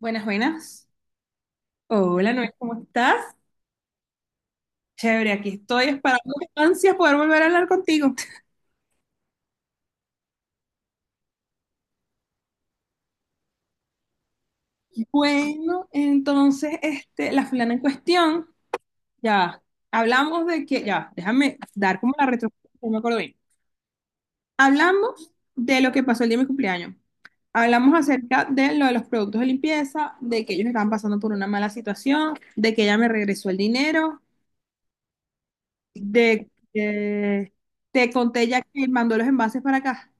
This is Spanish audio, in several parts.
Buenas, buenas. Hola, Noel, ¿cómo estás? Chévere, aquí estoy esperando con ansias poder volver a hablar contigo. Bueno, entonces, la fulana en cuestión, ya, hablamos de que, ya, déjame dar como la retro, no me acuerdo bien. Hablamos de lo que pasó el día de mi cumpleaños. Hablamos acerca de lo de los productos de limpieza, de que ellos estaban pasando por una mala situación, de que ella me regresó el dinero, de que te conté ya que mandó los envases para acá.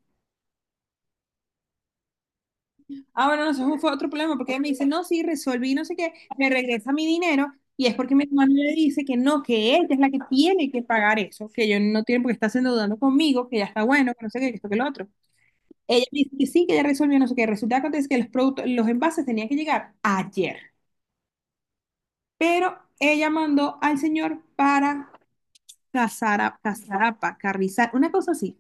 Ah, bueno, no, eso fue otro problema, porque ella me dice, no, sí, resolví, no sé qué, me regresa mi dinero, y es porque mi hermano le dice que no, que ella es la que tiene que pagar eso, que yo no tiene porque está endeudando conmigo, que ya está bueno, que no sé qué, que esto, que lo otro. Ella me dice que sí, que ya resolvió, no sé qué. Resulta que acontece que los productos, los envases tenían que llegar ayer, pero ella mandó al señor para Casara, Casarapa, Carrizal, una cosa así.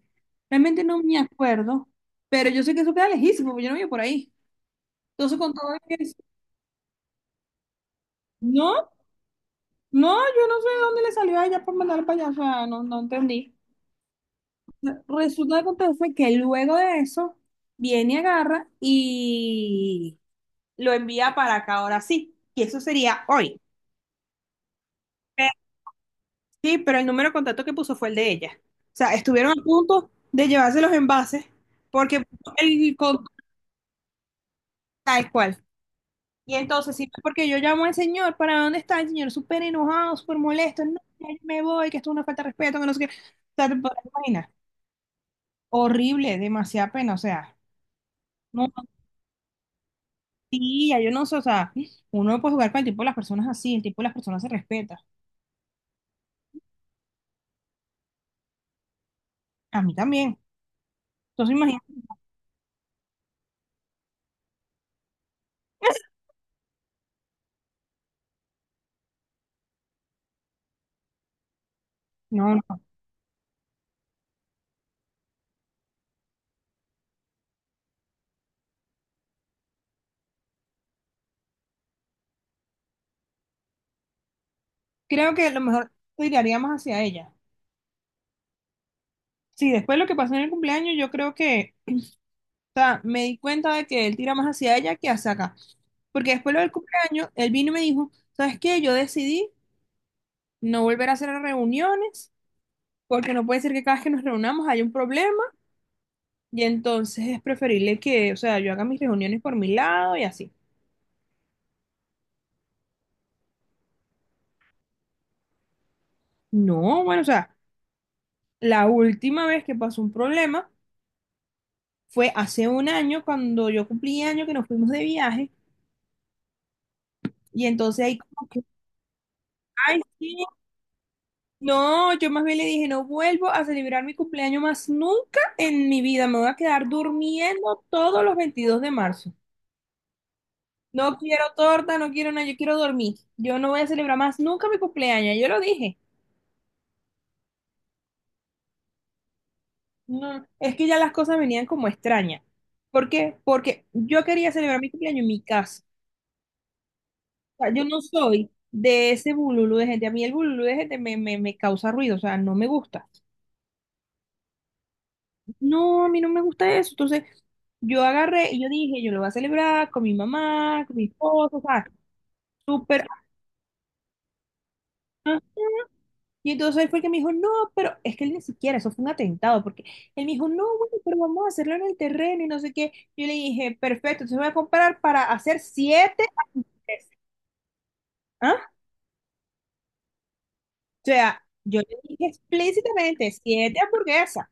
Realmente no me acuerdo, pero yo sé que eso queda lejísimo, porque yo no vivo por ahí. Entonces, con todo eso, no, no, yo no sé de dónde le salió a ella por mandar para allá, o sea, no, no entendí. Resulta que acontece que luego de eso viene y agarra y lo envía para acá, ahora sí, y eso sería hoy. Eh, Sí, pero el número de contacto que puso fue el de ella. O sea, estuvieron a punto de llevarse los envases porque el contacto es cual. Y entonces, sí, porque yo llamo al señor para dónde está el señor, súper enojado, súper molesto, no, ya yo me voy, que esto es una falta de respeto, que no sé qué. O sea, te podrás imaginar. Horrible, demasiada pena, o sea, no, tía, yo no sé, o sea, uno no puede jugar con el tipo de las personas así, el tipo de las personas se respeta, a mí también, entonces imagínate, no, no, creo que a lo mejor tiraría más hacia ella, sí, después de lo que pasó en el cumpleaños, yo creo que, o sea, me di cuenta de que él tira más hacia ella que hacia acá, porque después de lo del cumpleaños, él vino y me dijo, ¿sabes qué? Yo decidí no volver a hacer reuniones, porque no puede ser que cada vez que nos reunamos haya un problema, y entonces es preferible que, o sea, yo haga mis reuniones por mi lado y así. No, bueno, o sea, la última vez que pasó un problema fue hace un año cuando yo cumplí año que nos fuimos de viaje y entonces ahí como que, ay, sí, no, yo más bien le dije, no vuelvo a celebrar mi cumpleaños más nunca en mi vida, me voy a quedar durmiendo todos los 22 de marzo. No quiero torta, no quiero nada, yo quiero dormir. Yo no voy a celebrar más nunca mi cumpleaños, yo lo dije. No, es que ya las cosas venían como extrañas. ¿Por qué? Porque yo quería celebrar mi cumpleaños en mi casa. O sea, yo no soy de ese bululú de gente. A mí el bululú de gente me causa ruido, o sea, no me gusta. No, a mí no me gusta eso. Entonces, yo agarré y yo dije, yo lo voy a celebrar con mi mamá, con mi esposo, o sea, súper. Ah. Y entonces él fue el que me dijo, no, pero es que él ni siquiera, eso fue un atentado, porque él me dijo, no, bueno, pero vamos a hacerlo en el terreno y no sé qué. Yo le dije, perfecto, entonces voy a comprar para hacer siete. ¿Ah? O sea, yo le dije explícitamente siete hamburguesas.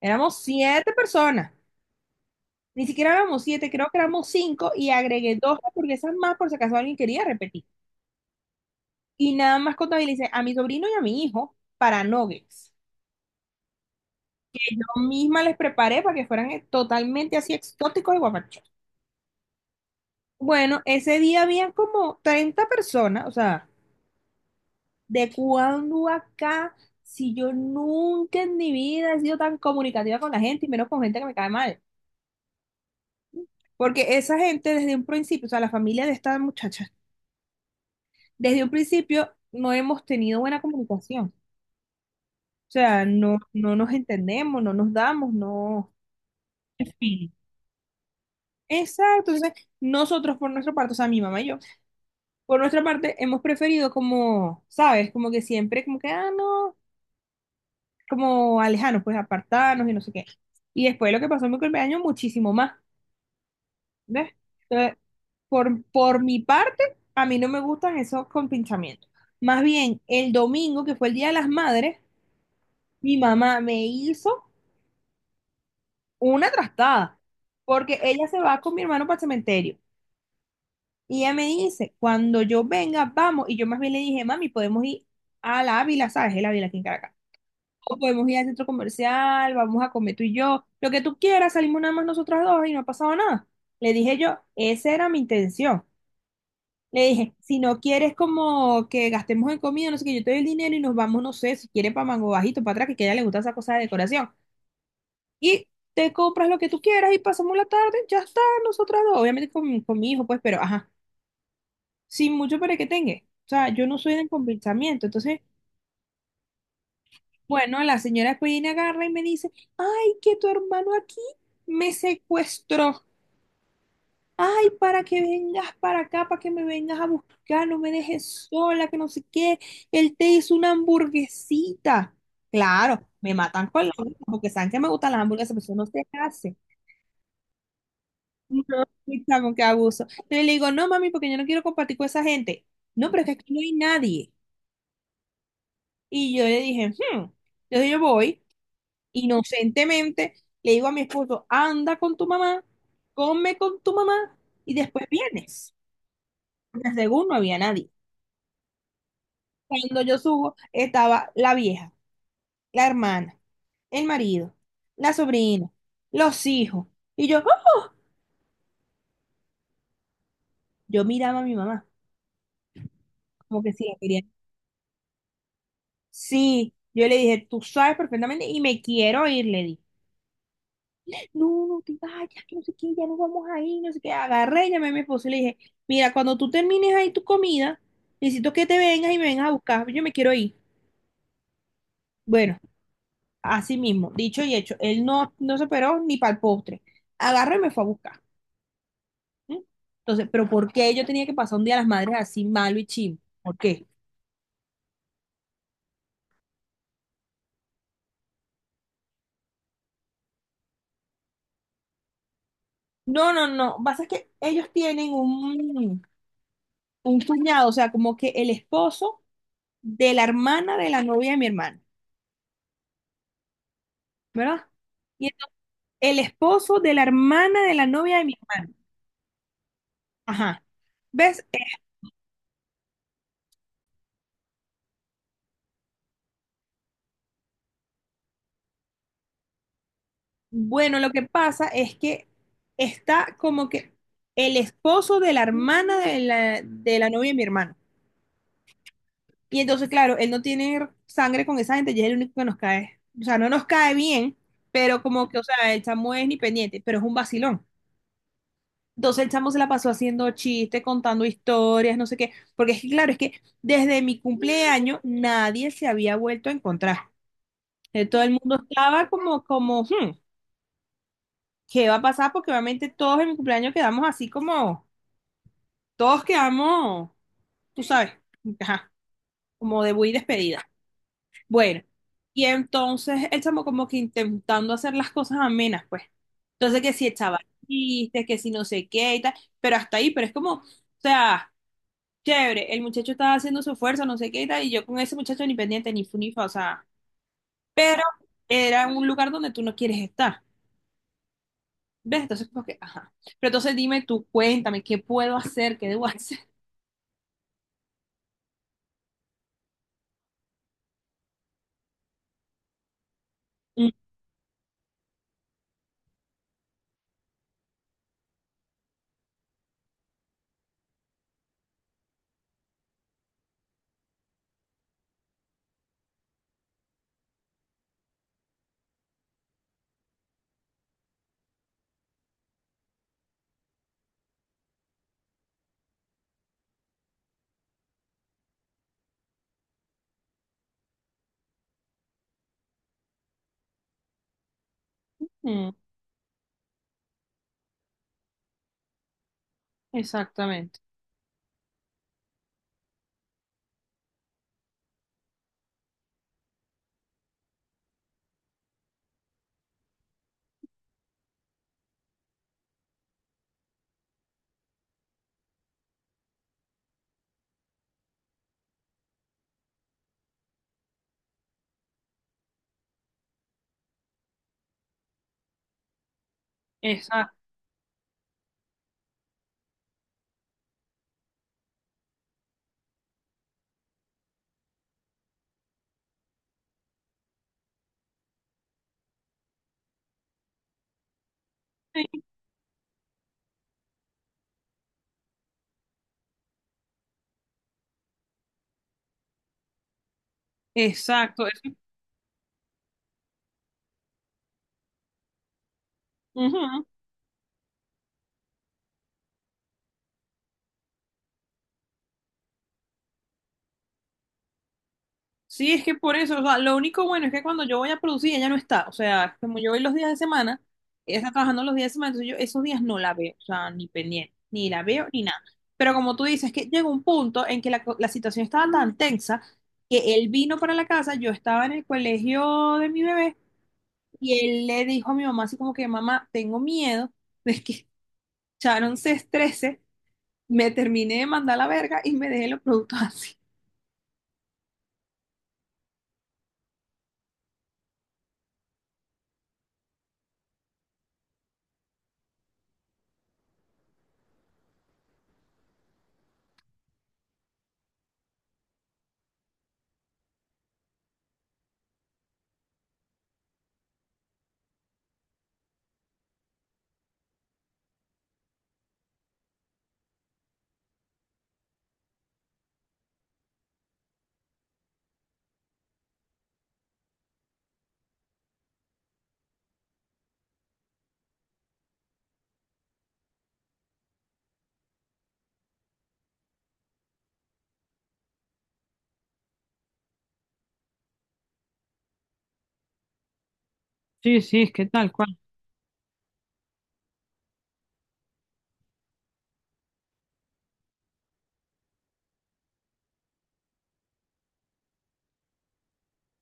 Éramos siete personas. Ni siquiera éramos siete, creo que éramos cinco y agregué dos hamburguesas más por si acaso alguien quería repetir. Y nada más contabilicé a mi sobrino y a mi hijo para nuggets. Yo misma les preparé para que fueran totalmente así exóticos y guapachos. Bueno, ese día habían como 30 personas, o sea, de cuando acá, si yo nunca en mi vida he sido tan comunicativa con la gente y menos con gente que me cae mal. Porque esa gente desde un principio, o sea, la familia de esta muchacha, desde un principio no hemos tenido buena comunicación. O sea, no, no nos entendemos, no nos damos, no. En fin. Exacto. Entonces, nosotros por nuestra parte, o sea, mi mamá y yo, por nuestra parte hemos preferido como, ¿sabes? Como que siempre, como que, ah, no, como alejarnos, pues apartarnos y no sé qué. Y después lo que pasó en mi cumpleaños, muchísimo más. ¿Ves? Entonces, por mi parte, a mí no me gustan esos compinchamientos. Más bien, el domingo, que fue el Día de las Madres, mi mamá me hizo una trastada, porque ella se va con mi hermano para el cementerio. Y ella me dice, cuando yo venga, vamos. Y yo más bien le dije, mami, podemos ir a la Ávila, ¿sabes? El Ávila aquí en Caracas. O podemos ir al centro comercial, vamos a comer tú y yo, lo que tú quieras, salimos nada más nosotras dos y no ha pasado nada. Le dije yo, esa era mi intención. Le dije, si no quieres como que gastemos en comida, no sé qué, yo te doy el dinero y nos vamos, no sé, si quieres para Mango Bajito, para atrás, que a ella le gusta esa cosa de decoración. Y te compras lo que tú quieras y pasamos la tarde, ya está, nosotras dos, obviamente con mi hijo, pues, pero ajá, sin mucho para que tenga. O sea, yo no soy de convencimiento. Entonces, bueno, la señora después viene, agarra y me dice, ay, que tu hermano aquí me secuestró. Ay, para que vengas para acá, para que me vengas a buscar, no me dejes sola, que no sé qué. Él te hizo una hamburguesita. Claro, me matan con la boca, porque saben que me gustan las hamburguesas, pero eso no se hace. No, pizza con qué abuso. Entonces le digo, no, mami, porque yo no quiero compartir con esa gente. No, pero es que aquí no hay nadie. Y yo le dije, hmm. Entonces yo voy, inocentemente, le digo a mi esposo, anda con tu mamá, come con tu mamá y después vienes. Porque según no había nadie. Cuando yo subo, estaba la vieja, la hermana, el marido, la sobrina, los hijos. Y yo, ¡ah! Yo miraba a mi mamá, como que sí, la quería. Sí, yo le dije, tú sabes perfectamente y me quiero ir, le dije. No, no te vayas, que no sé qué, ya no vamos ahí, no sé qué. Agarré, llamé a mi esposo y le dije, mira, cuando tú termines ahí tu comida, necesito que te vengas y me vengas a buscar, yo me quiero ir. Bueno, así mismo, dicho y hecho, él no, no se operó ni para el postre. Agarré y me fue a buscar. ¿Eh? Entonces, ¿pero por qué yo tenía que pasar un día de las madres así malo y chimbo? ¿Por qué? No, no, no. Pasa es que ellos tienen un cuñado, o sea, como que el esposo de la hermana de la novia de mi hermano, ¿verdad? Y entonces, el esposo de la hermana de la novia de mi hermano. Ajá. ¿Ves? Bueno, lo que pasa es que está como que el esposo de la hermana de la novia de mi hermano. Y entonces, claro, él no tiene sangre con esa gente y es el único que nos cae. O sea, no nos cae bien, pero como que, o sea, el chamo es ni pendiente, pero es un vacilón. Entonces el chamo se la pasó haciendo chistes, contando historias, no sé qué. Porque es que, claro, es que desde mi cumpleaños nadie se había vuelto a encontrar. Todo el mundo estaba como, "Hmm, ¿qué va a pasar?" Porque obviamente todos en mi cumpleaños quedamos así como, todos quedamos, tú sabes, ajá, como de muy despedida. Bueno, y entonces el chamo como que intentando hacer las cosas amenas, pues. Entonces que si echaba chistes, que si no sé qué y tal, pero hasta ahí, pero es como, o sea, chévere, el muchacho estaba haciendo su esfuerzo, no sé qué y tal, y yo con ese muchacho ni pendiente, ni funifa, o sea, pero era un lugar donde tú no quieres estar, ¿ves? Entonces como que, ajá. Pero entonces dime tú, cuéntame, ¿qué puedo hacer? ¿Qué debo hacer? Ujú. Exactamente. Exacto. Exacto, eso. Ujú. Sí, es que por eso, o sea, lo único bueno es que cuando yo voy a producir, ella no está. O sea, como yo voy los días de semana, ella está trabajando los días de semana, entonces yo esos días no la veo, o sea, ni pendiente, ni la veo, ni nada. Pero como tú dices, que llegó un punto en que la situación estaba tan tensa que él vino para la casa, yo estaba en el colegio de mi bebé y él le dijo a mi mamá así como que, mamá, tengo miedo de que Sharon se estrese, me terminé de mandar la verga y me deje los productos así. Sí, sí, es que tal.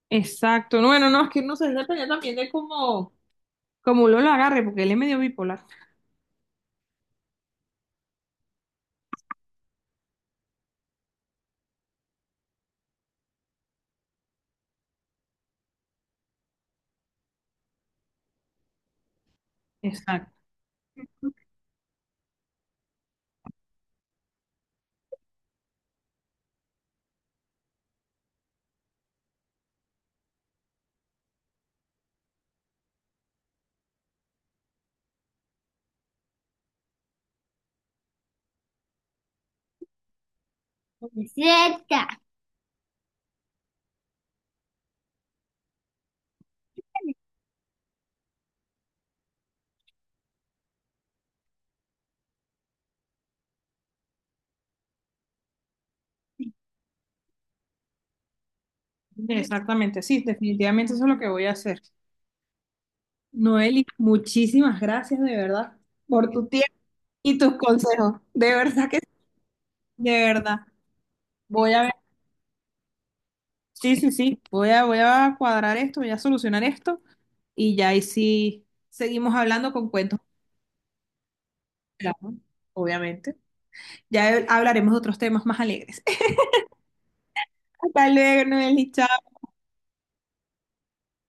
Exacto. No, bueno, no, es que no sé, depende también de cómo uno lo agarre, porque él es medio bipolar. Exacto. Cerca. Exactamente, sí, definitivamente eso es lo que voy a hacer. Noeli, muchísimas gracias de verdad por tu tiempo y tus consejos. De verdad que sí, de verdad. Voy a ver. Sí, sí, sí. Voy a cuadrar esto, voy a solucionar esto y ya ahí sí seguimos hablando con cuentos, claro, obviamente. Ya hablaremos de otros temas más alegres. Hasta luego, Noeli, chao.